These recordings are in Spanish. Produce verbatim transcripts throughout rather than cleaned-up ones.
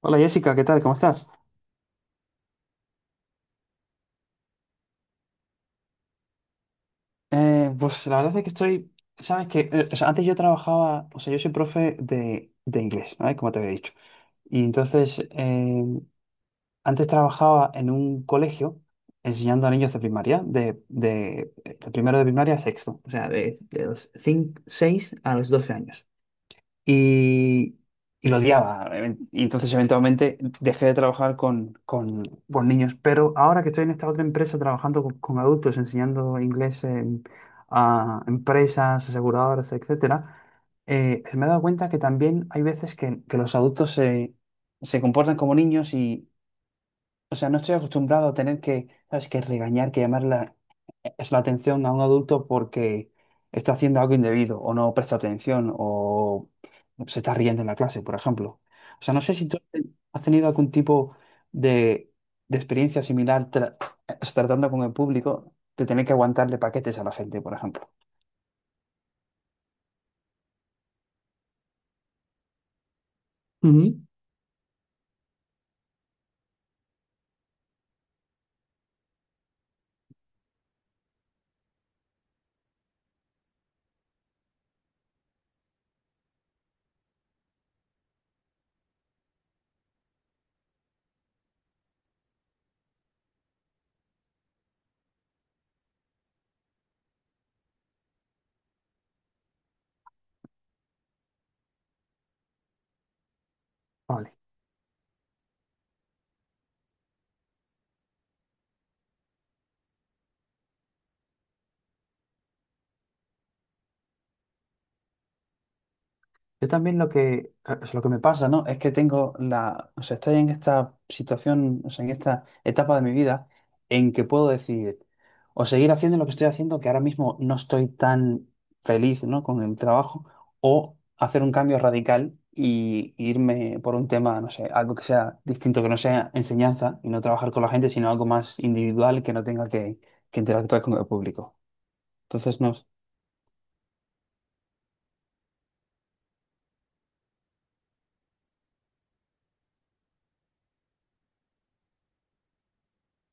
Hola Jessica, ¿qué tal? ¿Cómo estás? Eh, pues la verdad es que estoy, sabes que, eh, o sea, antes yo trabajaba, o sea, yo soy profe de, de inglés, ¿vale? Como te había dicho. Y entonces, eh, antes trabajaba en un colegio enseñando a niños de primaria, de, de, de primero de primaria a sexto, o sea, de, de los cinco, seis a los doce años. y, y lo odiaba. Y entonces eventualmente dejé de trabajar con, con, con niños. Pero ahora que estoy en esta otra empresa trabajando con, con adultos, enseñando inglés en- a empresas, aseguradoras, etcétera, eh, me he dado cuenta que también hay veces que, que los adultos se, se comportan como niños. O sea, no estoy acostumbrado a tener que, ¿sabes? Que regañar, que llamar la, es la atención a un adulto porque está haciendo algo indebido o no presta atención o se está riendo en la clase, por ejemplo. O sea, no sé si tú has tenido algún tipo de, de experiencia similar tra- tratando con el público de tener que aguantarle paquetes a la gente, por ejemplo. Ujú. Vale. Yo también lo que, es lo que me pasa, ¿no? Es que tengo la, o sea, estoy en esta situación, o sea, en esta etapa de mi vida en que puedo decidir o seguir haciendo lo que estoy haciendo, que ahora mismo no estoy tan feliz, ¿no? Con el trabajo, o hacer un cambio radical y irme por un tema, no sé, algo que sea distinto, que no sea enseñanza y no trabajar con la gente, sino algo más individual que no tenga que, que interactuar con el público. Entonces, no.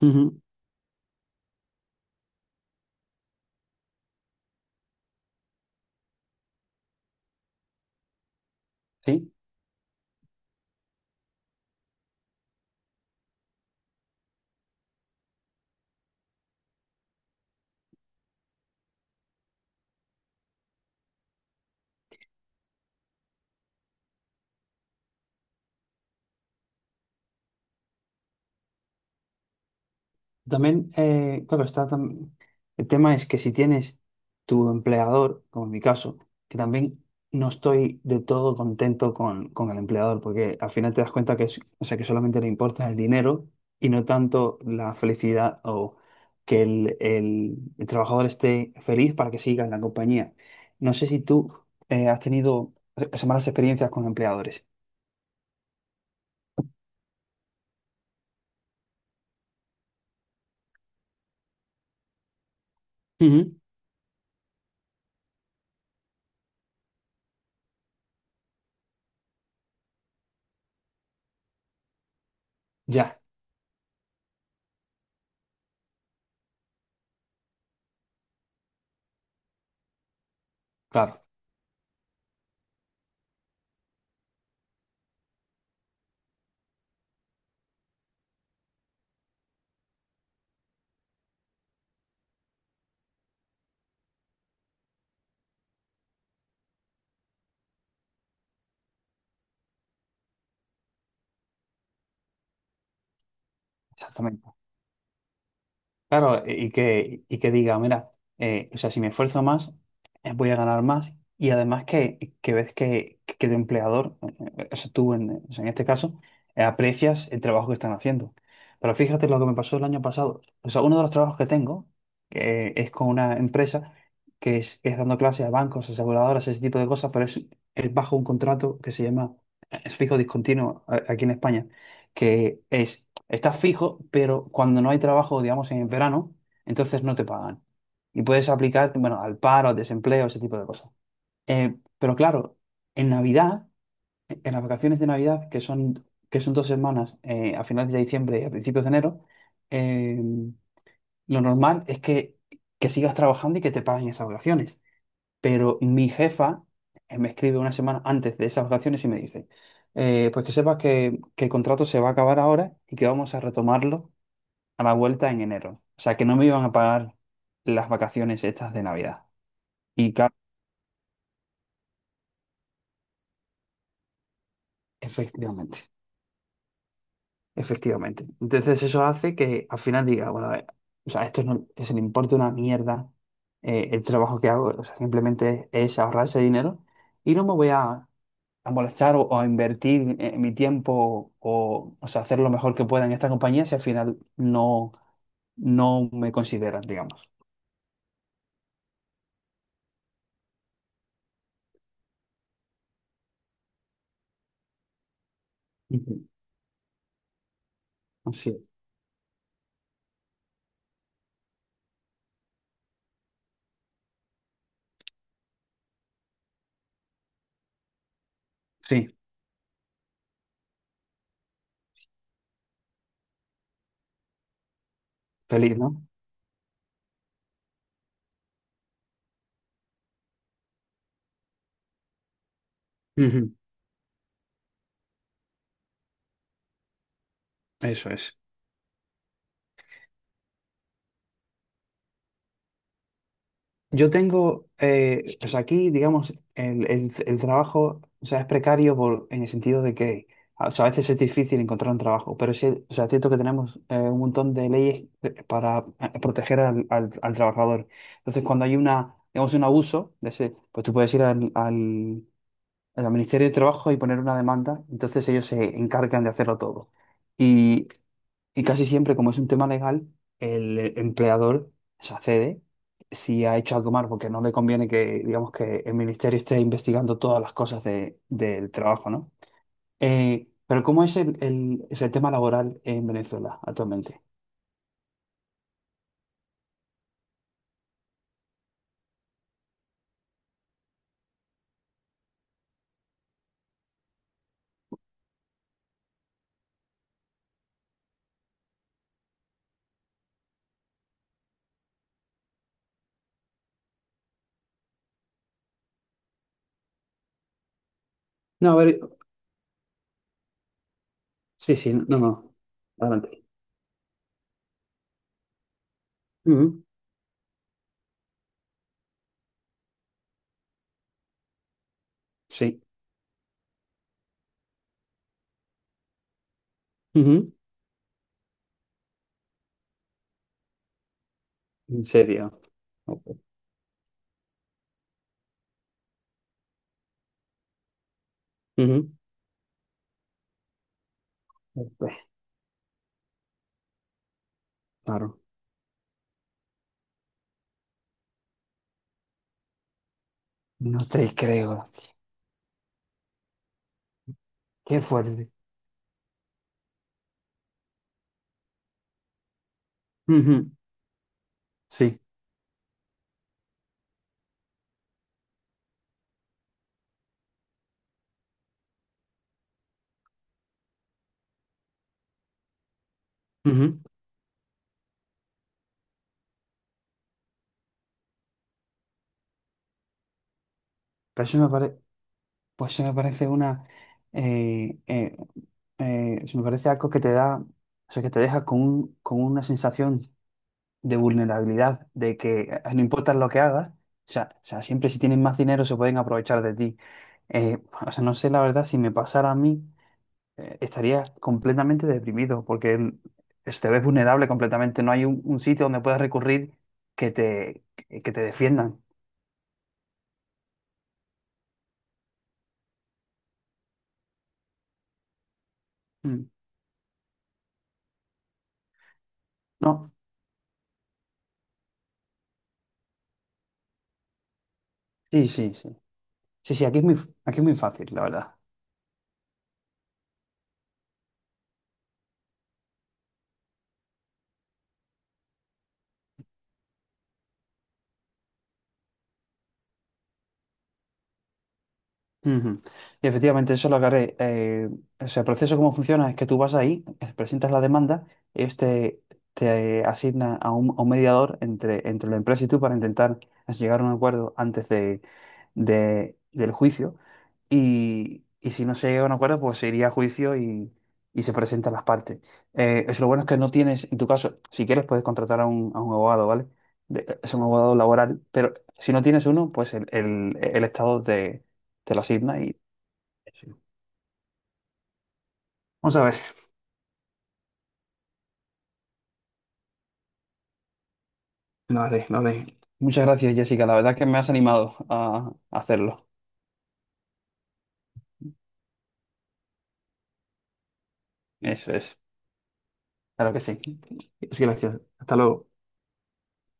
Ujú. ¿Sí? También, eh, claro, está tam- el tema es que si tienes tu empleador, como en mi caso, que también no estoy de todo contento con, con el empleador, porque al final te das cuenta que, es- o sea, que solamente le importa el dinero y no tanto la felicidad o que el, el- el trabajador esté feliz para que siga en la compañía. No sé si tú eh, has tenido esas malas experiencias con empleadores. Ujú. Ya, claro, exactamente. Claro, y que, y que diga, mira, eh, o sea, si me esfuerzo más, eh, voy a ganar más. Y además que, que ves que, que tu empleador, eh, o sea, tú en, o sea, en este caso, eh, aprecias el trabajo que están haciendo. Pero fíjate lo que me pasó el año pasado. O sea, uno de los trabajos que tengo que es con una empresa que es, que es dando clases a bancos, aseguradoras, ese tipo de cosas, pero es, es bajo un contrato que se llama eh, es fijo discontinuo a- aquí en España, que es: estás fijo, pero cuando no hay trabajo, digamos, en verano, entonces no te pagan. Y puedes aplicar, bueno, al paro, al desempleo, ese tipo de cosas. Eh, pero claro, en Navidad, en las vacaciones de Navidad, que son, que son dos semanas, eh, a finales de diciembre y a principios de enero, eh, lo normal es que, que sigas trabajando y que te paguen esas vacaciones. Pero mi jefa eh, me escribe una semana antes de esas vacaciones y me dice, eh, pues que sepas que, que el contrato se va a acabar ahora y que vamos a retomarlo a la vuelta en enero. O sea, que no me iban a pagar las vacaciones estas de Navidad. Y claro, efectivamente, efectivamente. Entonces eso hace que al final diga, bueno, a o sea, esto no, se le importa una mierda eh, el trabajo que hago, o sea, simplemente es ahorrar ese dinero y no me voy a, a molestar o, o a invertir eh, mi tiempo o, o sea, hacer lo mejor que pueda en esta compañía si al final no, no me consideran, digamos. Ujú. Así es. Sí, feliz, ¿no? Ujú. Eso es. Yo tengo, eh, o sea, aquí, digamos, el, el- el trabajo, o sea, es precario por- en el sentido de que, a o sea, a veces es difícil encontrar un trabajo, pero sí, o sea, es cierto que tenemos eh, un montón de leyes de- para eh, proteger al, al- al trabajador. Entonces, cuando hay una, digamos, un abuso de ese, pues tú puedes ir al, al Ministerio de Trabajo y poner una demanda, entonces ellos se encargan de hacerlo todo. Y, y casi siempre, como es un tema legal, el empleador se accede si ha hecho algo mal, porque no le conviene que, digamos, que el ministerio esté investigando todas las cosas de- del trabajo, ¿no? Eh, pero ¿cómo es el, el, es el tema laboral en Venezuela actualmente? No, a ver, sí, sí, no, no, adelante. Ujú. Sí. Ujú. En serio. Ok. Ujú. Ok. Claro. No te creo, tío. Qué fuerte. Ujú, sí. Ujú. Pero eso me parece, pues eso me parece una, eh, eh, eh, eso me parece algo que te da, o sea, que te deja con, un- con una sensación de vulnerabilidad, de que eh, no importa lo que hagas, o sea, o sea, siempre si tienen más dinero se pueden aprovechar de ti. Eh, o sea, no sé la verdad si me pasara a mí, eh, estarías completamente deprimido porque el- es- te ves vulnerable completamente. No hay un, un sitio donde puedas recurrir que te, que que te defiendan. Mm. No, sí, sí, sí. Sí, sí, aquí es muy, f- aquí es muy fácil, la verdad. Ujú. Y efectivamente, eso lo agarré. eh, o sea, el proceso cómo funciona es que tú vas ahí, eh, presentas la demanda, ellos te, te asignan a un, a un mediador entre, entre la empresa y tú para intentar llegar a un acuerdo antes de, de- del juicio. Y, y si no se llega a un acuerdo, pues se iría a juicio y, y se presentan las partes. Eh, eso lo bueno es que no tienes, en tu caso, si quieres, puedes contratar a un, a un abogado, ¿vale? De- es un abogado laboral, pero si no tienes uno, pues el, el el Estado te te lo asigna y... Sí. Vamos a ver, lo haré, lo haré. Muchas gracias, Jessica. La verdad que me has animado a a hacerlo. Eso es. Claro que sí. Es que gracias. Hasta luego.